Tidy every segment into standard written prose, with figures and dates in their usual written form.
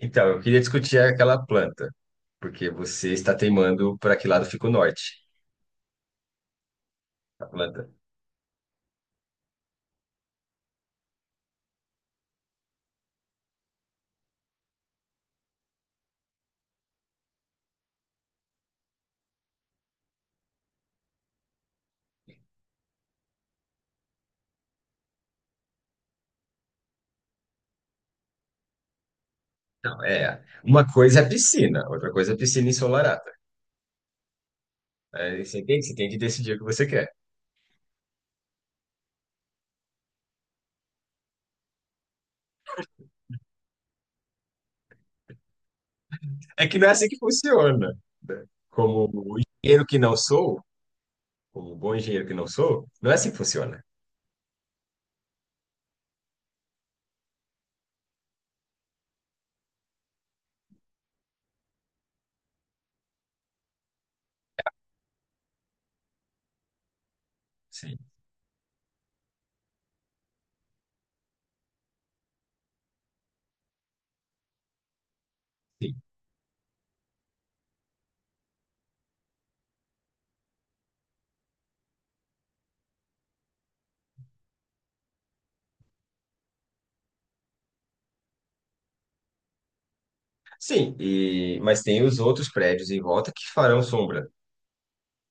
Então, eu queria discutir aquela planta, porque você está teimando para que lado fica o norte, a planta. Não, é. Uma coisa é piscina, outra coisa é piscina ensolarada. Aí você tem que decidir o que você quer. É que não é assim que funciona, né? Como o engenheiro que não sou, como um bom engenheiro que não sou, não é assim que funciona. Sim. Sim, sim, e, mas tem os outros prédios em volta que farão sombra.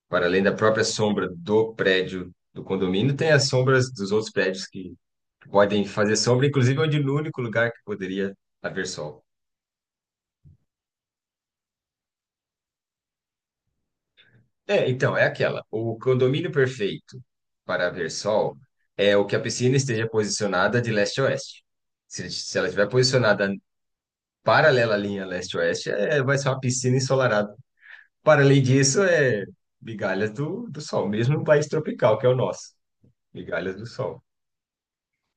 Para além da própria sombra do prédio do condomínio, tem as sombras dos outros prédios que podem fazer sombra, inclusive, onde no único lugar que poderia haver sol. É, então, é aquela. O condomínio perfeito para haver sol é o que a piscina esteja posicionada de leste a oeste. Se ela estiver posicionada paralela à linha leste-oeste, é, vai ser uma piscina ensolarada. Para além disso, é migalhas do sol, mesmo no país tropical, que é o nosso. Migalhas do sol.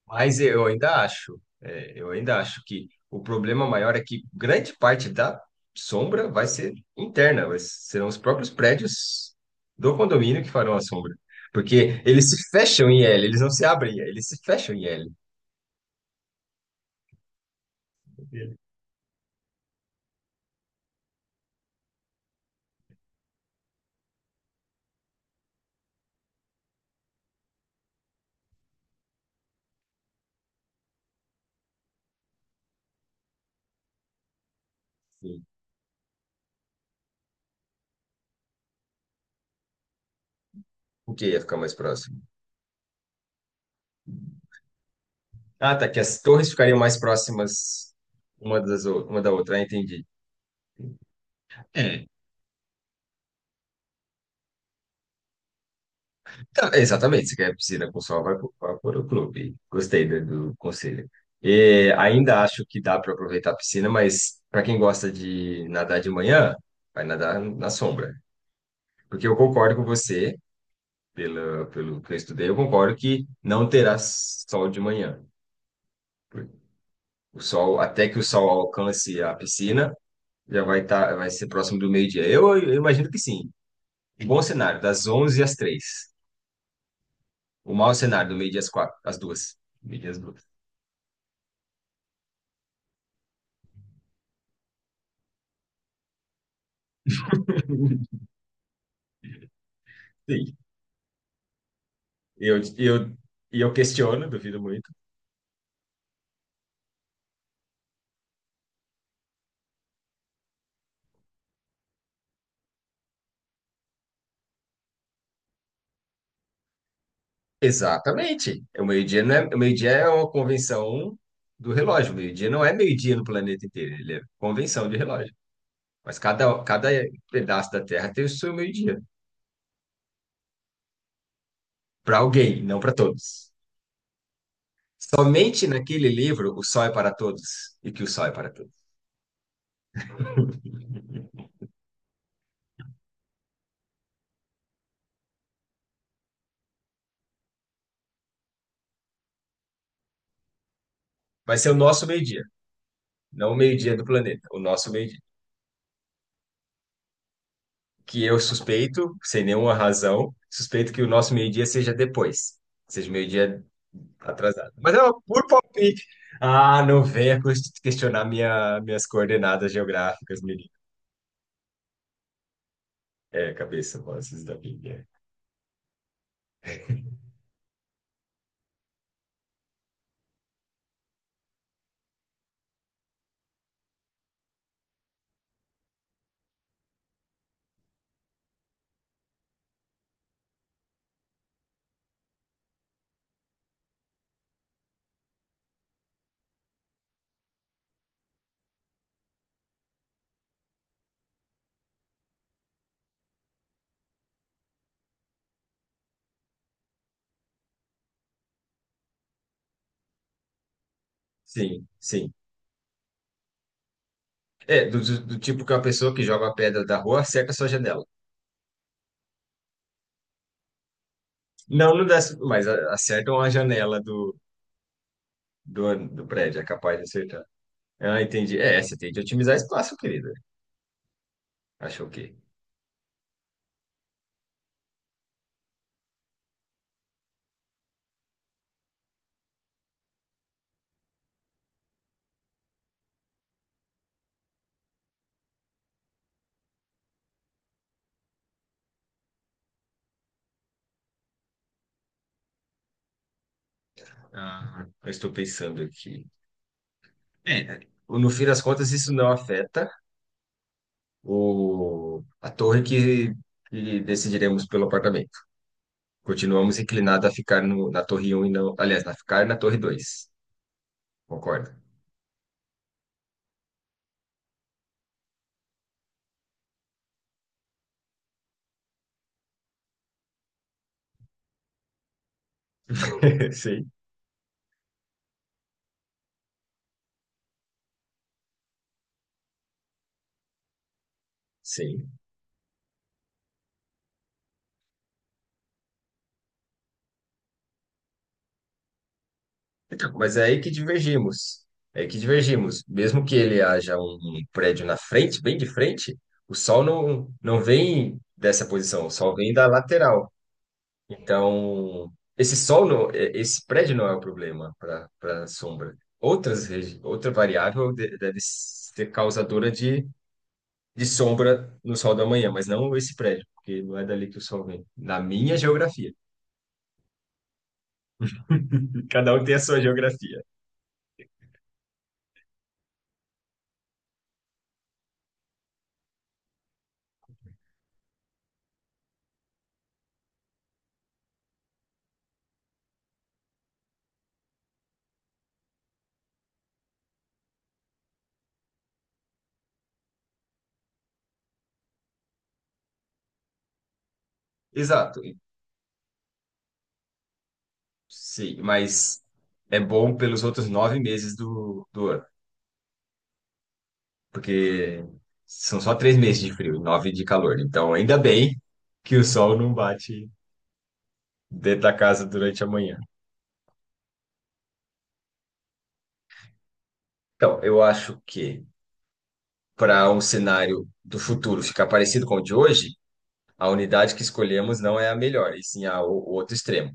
Mas eu ainda acho, é, eu ainda acho que o problema maior é que grande parte da sombra vai ser interna, serão os próprios prédios do condomínio que farão a sombra. Porque eles se fecham em L, eles não se abrem em L, eles se fecham em L. Sim. O que ia ficar mais próximo? Ah, tá, que as torres ficariam mais próximas uma da outra, ah, entendi. É, tá, exatamente, se quer piscina com sol, vai para o clube. Gostei do conselho. E ainda acho que dá para aproveitar a piscina, mas para quem gosta de nadar de manhã, vai nadar na sombra. Porque eu concordo com você, pelo que eu estudei, eu concordo que não terá sol de manhã. O sol, até que o sol alcance a piscina, já vai estar, vai ser próximo do meio-dia. Eu imagino que sim. Um bom cenário, das 11 às 3. O mau cenário, do meio-dia às 4 às 2. Meio-dia às 2. E eu, e eu, e eu questiono, duvido muito. Exatamente. O meio-dia não é, o meio-dia é uma convenção do relógio. O meio-dia não é meio-dia no planeta inteiro, ele é convenção de relógio. Mas cada pedaço da Terra tem o seu meio-dia. Para alguém, não para todos. Somente naquele livro, O Sol é para Todos e que o Sol é para Todos. Vai ser o nosso meio-dia, não o meio-dia do planeta, o nosso meio-dia. Que eu suspeito, sem nenhuma razão, suspeito que o nosso meio-dia seja depois, seja o meio-dia. Tá atrasado. Mas é por palpite. Ah, não venha questionar minhas coordenadas geográficas, menino. É, cabeça, vozes da Bíblia. Sim, sim. É, do tipo que uma pessoa que joga a pedra da rua acerta a sua janela. Não, não dá, mas acertam a janela do prédio, é capaz de acertar. Ah, entendi. É, você tem de otimizar espaço, querida. Achou o quê? Ah, eu estou pensando aqui. É, no fim das contas, isso não afeta. A torre que decidiremos pelo apartamento. Continuamos inclinados a ficar no, na torre um e não. Aliás, a ficar na torre dois. Concorda? Sim. Sim. Então, mas é aí que divergimos. É aí que divergimos. Mesmo que ele haja um prédio na frente, bem de frente, o sol não, não vem dessa posição, o sol vem da lateral. Então, esse sol não, esse prédio não é o problema para sombra. Outra variável deve ser causadora de sombra no sol da manhã, mas não esse prédio, porque não é dali que o sol vem. Na minha geografia. Cada um tem a sua geografia. Exato. Sim, mas é bom pelos outros 9 meses do ano, porque são só 3 meses de frio e 9 de calor. Então, ainda bem que o sol não bate dentro da casa durante a manhã. Então, eu acho que para um cenário do futuro ficar parecido com o de hoje, a unidade que escolhemos não é a melhor, e sim o outro extremo.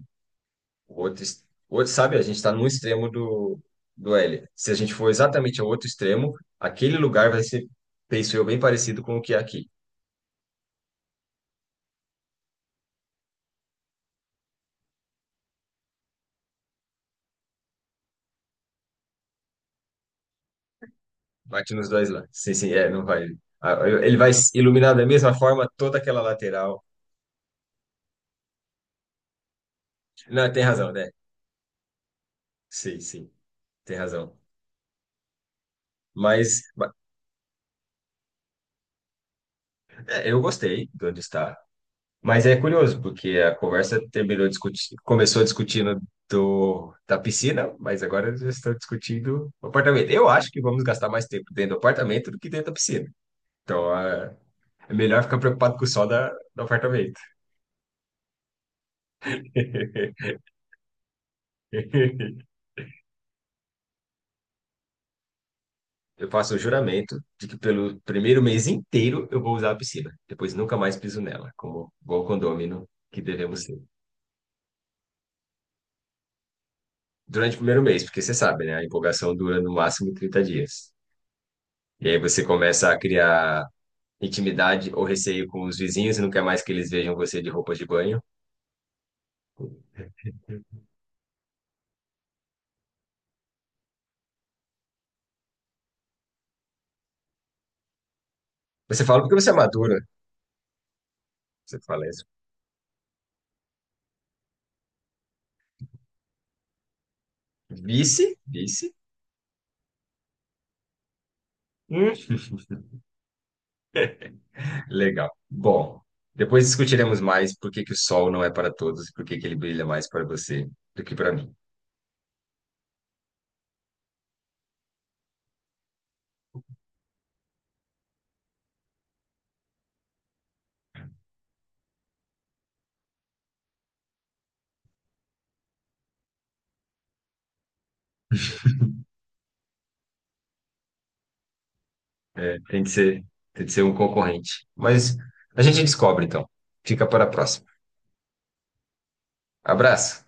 O outro, sabe, a gente está no extremo do L. Se a gente for exatamente ao outro extremo, aquele lugar vai ser, penso eu, bem parecido com o que é aqui. Bate nos dois lados. Sim, sim, é, não vai. Ele vai iluminar da mesma forma toda aquela lateral. Não, tem razão, né? Sim, sim, tem razão. Mas é, eu gostei de onde está. Mas é curioso, porque a conversa começou discutindo da piscina, mas agora já estão discutindo o apartamento. Eu acho que vamos gastar mais tempo dentro do apartamento do que dentro da piscina. Então, ah, é melhor ficar preocupado com o sol do apartamento. Eu faço o juramento de que pelo primeiro mês inteiro eu vou usar a piscina. Depois nunca mais piso nela, como bom condômino que devemos ser. Durante o primeiro mês, porque você sabe, né? A empolgação dura no máximo 30 dias. E aí você começa a criar intimidade ou receio com os vizinhos e não quer mais que eles vejam você de roupa de banho. Você fala porque você é madura, você fala isso. Vice, vice. Hum, Legal. Bom, depois discutiremos mais por que que o sol não é para todos e por que que ele brilha mais para você do que para mim. É, tem que ser um concorrente. Mas a gente descobre então. Fica para a próxima. Abraço.